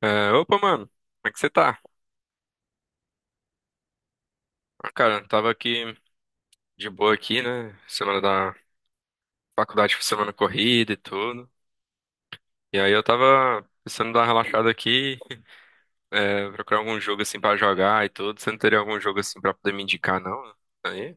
É, opa, mano, como é que você tá? Ah, cara, eu tava aqui de boa aqui, né? Semana da faculdade foi semana corrida e tudo. E aí eu tava pensando em dar uma relaxada aqui, procurar algum jogo assim pra jogar e tudo. Você não teria algum jogo assim pra poder me indicar, não? Aí,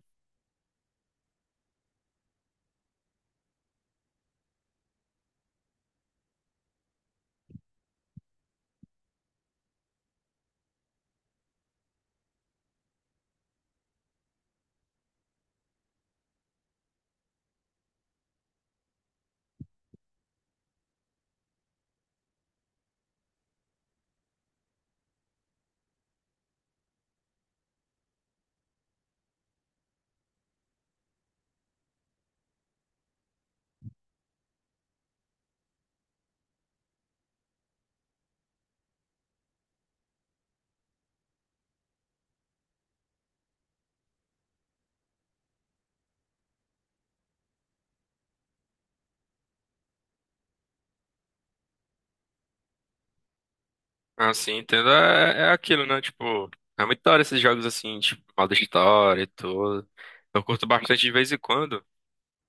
assim, entendo, é aquilo, né? Tipo, é muito da hora esses jogos assim, tipo, modo história e tudo. Eu curto bastante de vez em quando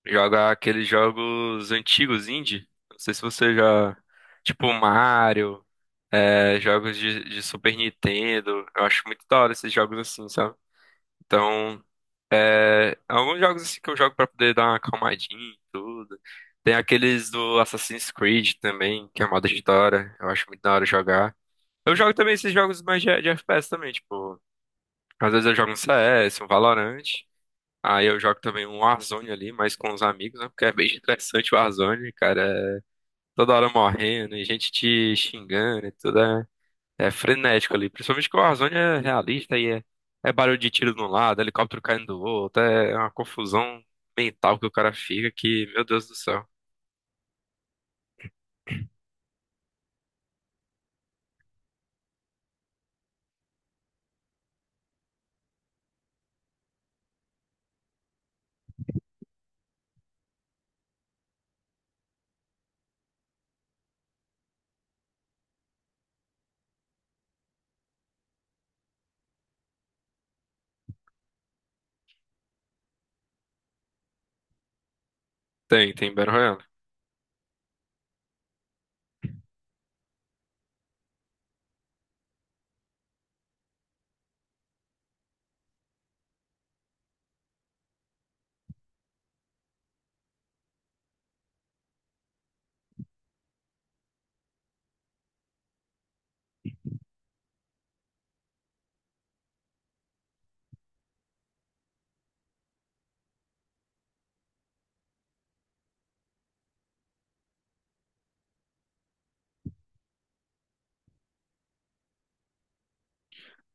jogar aqueles jogos antigos indie. Não sei se você já. Tipo, Mario. Jogos de Super Nintendo. Eu acho muito da hora esses jogos assim, sabe? Então, alguns jogos assim que eu jogo pra poder dar uma acalmadinha e tudo. Tem aqueles do Assassin's Creed também, que é moda de da hora. Eu acho muito da hora jogar. Eu jogo também esses jogos mais de FPS também, tipo, às vezes eu jogo um CS, um Valorant. Aí eu jogo também um Warzone ali, mas com os amigos, né? Porque é bem interessante o Warzone, cara. É toda hora morrendo e gente te xingando e tudo. É frenético ali. Principalmente que o Warzone é realista e é barulho de tiro de um lado, helicóptero caindo do outro. É uma confusão mental que o cara fica que, meu Deus do céu. Tem Battle Royale.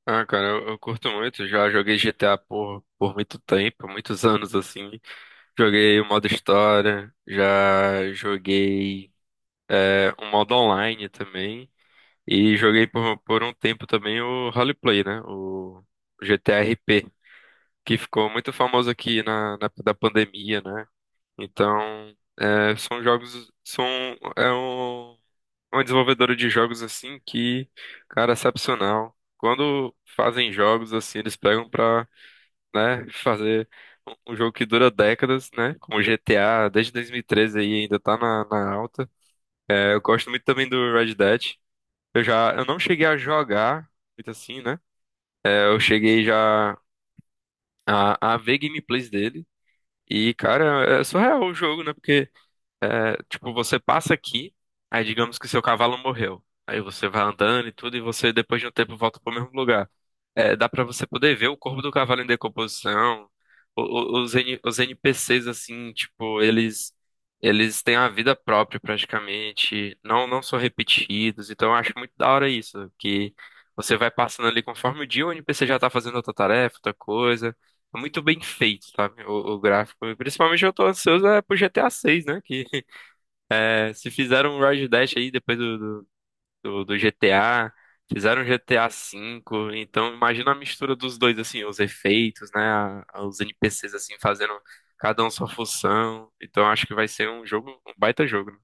Ah, cara, eu curto muito. Já joguei GTA por muito tempo, muitos anos assim. Joguei o modo história, já joguei o modo online também. E joguei por um tempo também o roleplay, né? O GTA RP, que ficou muito famoso aqui na da pandemia, né? Então, é, são jogos, são, é um, uma desenvolvedora de jogos assim que, cara, é excepcional. Quando fazem jogos assim, eles pegam pra, né, fazer um jogo que dura décadas, né, como GTA, desde 2013 aí ainda tá na alta. Eu gosto muito também do Red Dead. Eu não cheguei a jogar muito assim, né? Eu cheguei já a ver gameplays dele. E, cara, é surreal o jogo, né? Porque tipo, você passa aqui, aí digamos que seu cavalo morreu. Aí você vai andando e tudo, e você depois de um tempo volta pro mesmo lugar. Dá pra você poder ver o corpo do cavalo em decomposição, o- os, N- os NPCs assim, tipo, eles têm a vida própria praticamente, não não são repetidos. Então eu acho muito da hora isso, que você vai passando ali conforme o dia, o NPC já tá fazendo outra tarefa, outra coisa. É muito bem feito, sabe? O gráfico. E principalmente eu tô ansioso é pro GTA 6, né? Se fizeram um Road Dash aí depois do GTA, fizeram GTA V, então imagina a mistura dos dois, assim, os efeitos, né? Os NPCs, assim, fazendo cada um sua função. Então acho que vai ser um jogo, um baita jogo, né?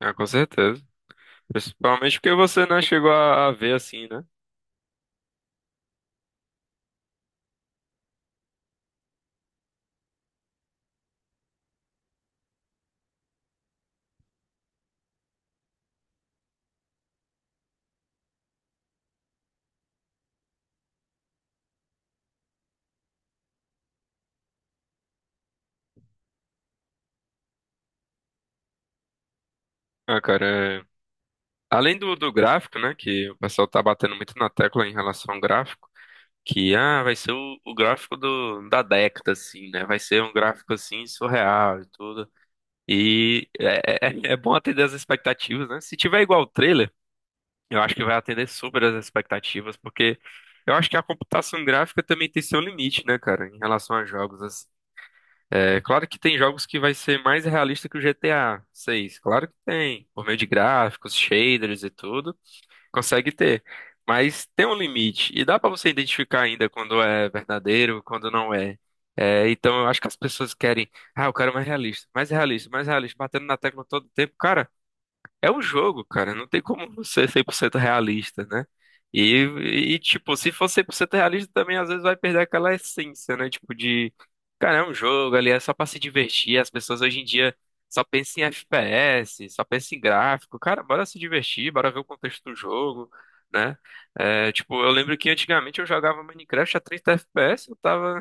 Ah, com certeza. Principalmente porque você, né, chegou a ver, assim, né? Ah, cara, é- além do gráfico, né, que o pessoal tá batendo muito na tecla em relação ao gráfico, que, ah, vai ser o gráfico da década, assim, né? Vai ser um gráfico, assim, surreal e tudo. E é bom atender as expectativas, né? Se tiver igual o trailer, eu acho que vai atender super as expectativas, porque eu acho que a computação gráfica também tem seu limite, né, cara, em relação a jogos assim. É claro que tem jogos que vai ser mais realista que o GTA 6 claro que tem, por meio de gráficos, shaders e tudo consegue ter. Mas tem um limite. E dá pra você identificar ainda quando é verdadeiro, quando não é. Então eu acho que as pessoas querem, ah, eu quero mais realista, mais realista, mais realista, batendo na tecla todo o tempo. Cara, é um jogo, cara. Não tem como você ser 100% realista, né? E, tipo, se for 100% realista, também às vezes vai perder aquela essência, né? Tipo, de. Cara, é um jogo ali, é só pra se divertir. As pessoas hoje em dia só pensam em FPS, só pensam em gráfico. Cara, bora se divertir, bora ver o contexto do jogo, né? Tipo, eu lembro que antigamente eu jogava Minecraft a 30 FPS, eu tava.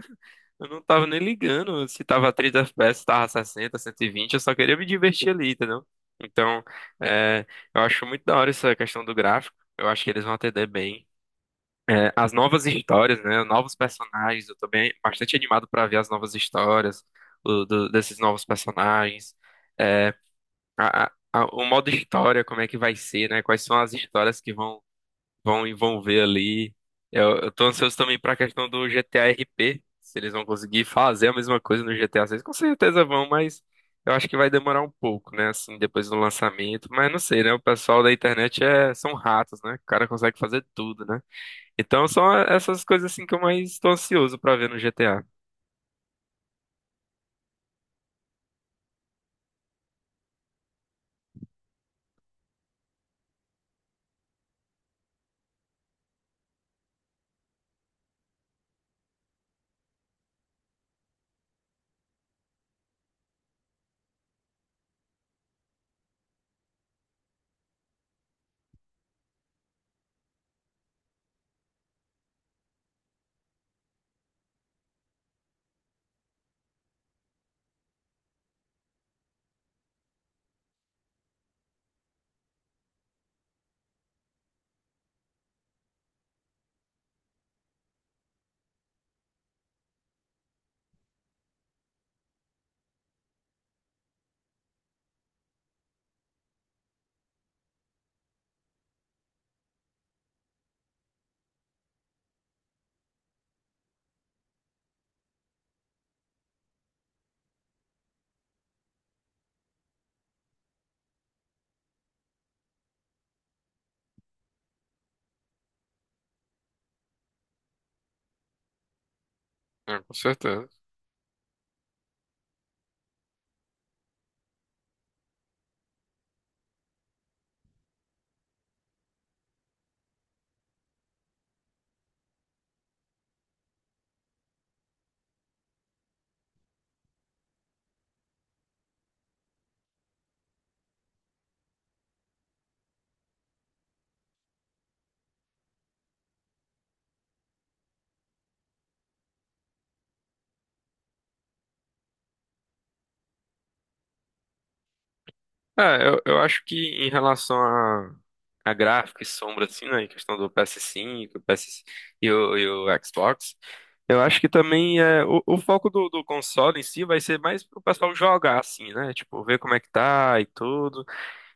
Eu não tava nem ligando se tava 30 FPS, se tava 60, 120, eu só queria me divertir ali, entendeu? Então. É, eu acho muito da hora essa questão do gráfico. Eu acho que eles vão atender bem. As novas histórias, né? Novos personagens. Eu tô bem, bastante animado pra ver as novas histórias desses novos personagens. É, o modo história, como é que vai ser, né? Quais são as histórias que vão ver ali. Eu tô ansioso também pra questão do GTA RP. Se eles vão conseguir fazer a mesma coisa no GTA 6, com certeza vão, mas eu acho que vai demorar um pouco, né? Assim, depois do lançamento. Mas não sei, né? O pessoal da internet são ratos, né? O cara consegue fazer tudo, né? Então são essas coisas assim que eu mais tô ansioso pra ver no GTA. É, com certeza. Ah, eu acho que em relação a gráfico e sombra, assim, né, em questão do PS5, PS e o Xbox, eu acho que também o foco do console em si vai ser mais pro pessoal jogar, assim, né, tipo, ver como é que tá e tudo,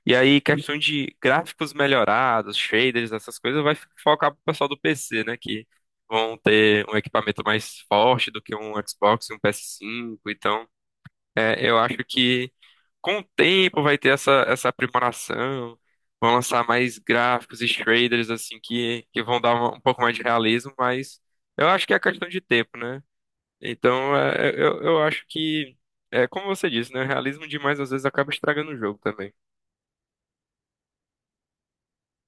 e aí questão de gráficos melhorados, shaders, essas coisas, vai focar pro pessoal do PC, né, que vão ter um equipamento mais forte do que um Xbox e um PS5 então... Eu acho que com o tempo vai ter essa aprimoração, vão lançar mais gráficos e shaders assim que vão dar um pouco mais de realismo, mas eu acho que é questão de tempo, né? Então eu acho que é como você disse, né? Realismo demais às vezes acaba estragando o jogo também.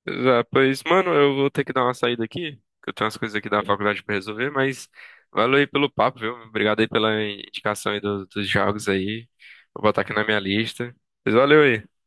Ah, pois, mano, eu vou ter que dar uma saída aqui, que eu tenho umas coisas aqui da faculdade pra resolver, mas valeu aí pelo papo, viu? Obrigado aí pela indicação aí dos jogos aí. Vou botar aqui na minha lista. Mas valeu aí.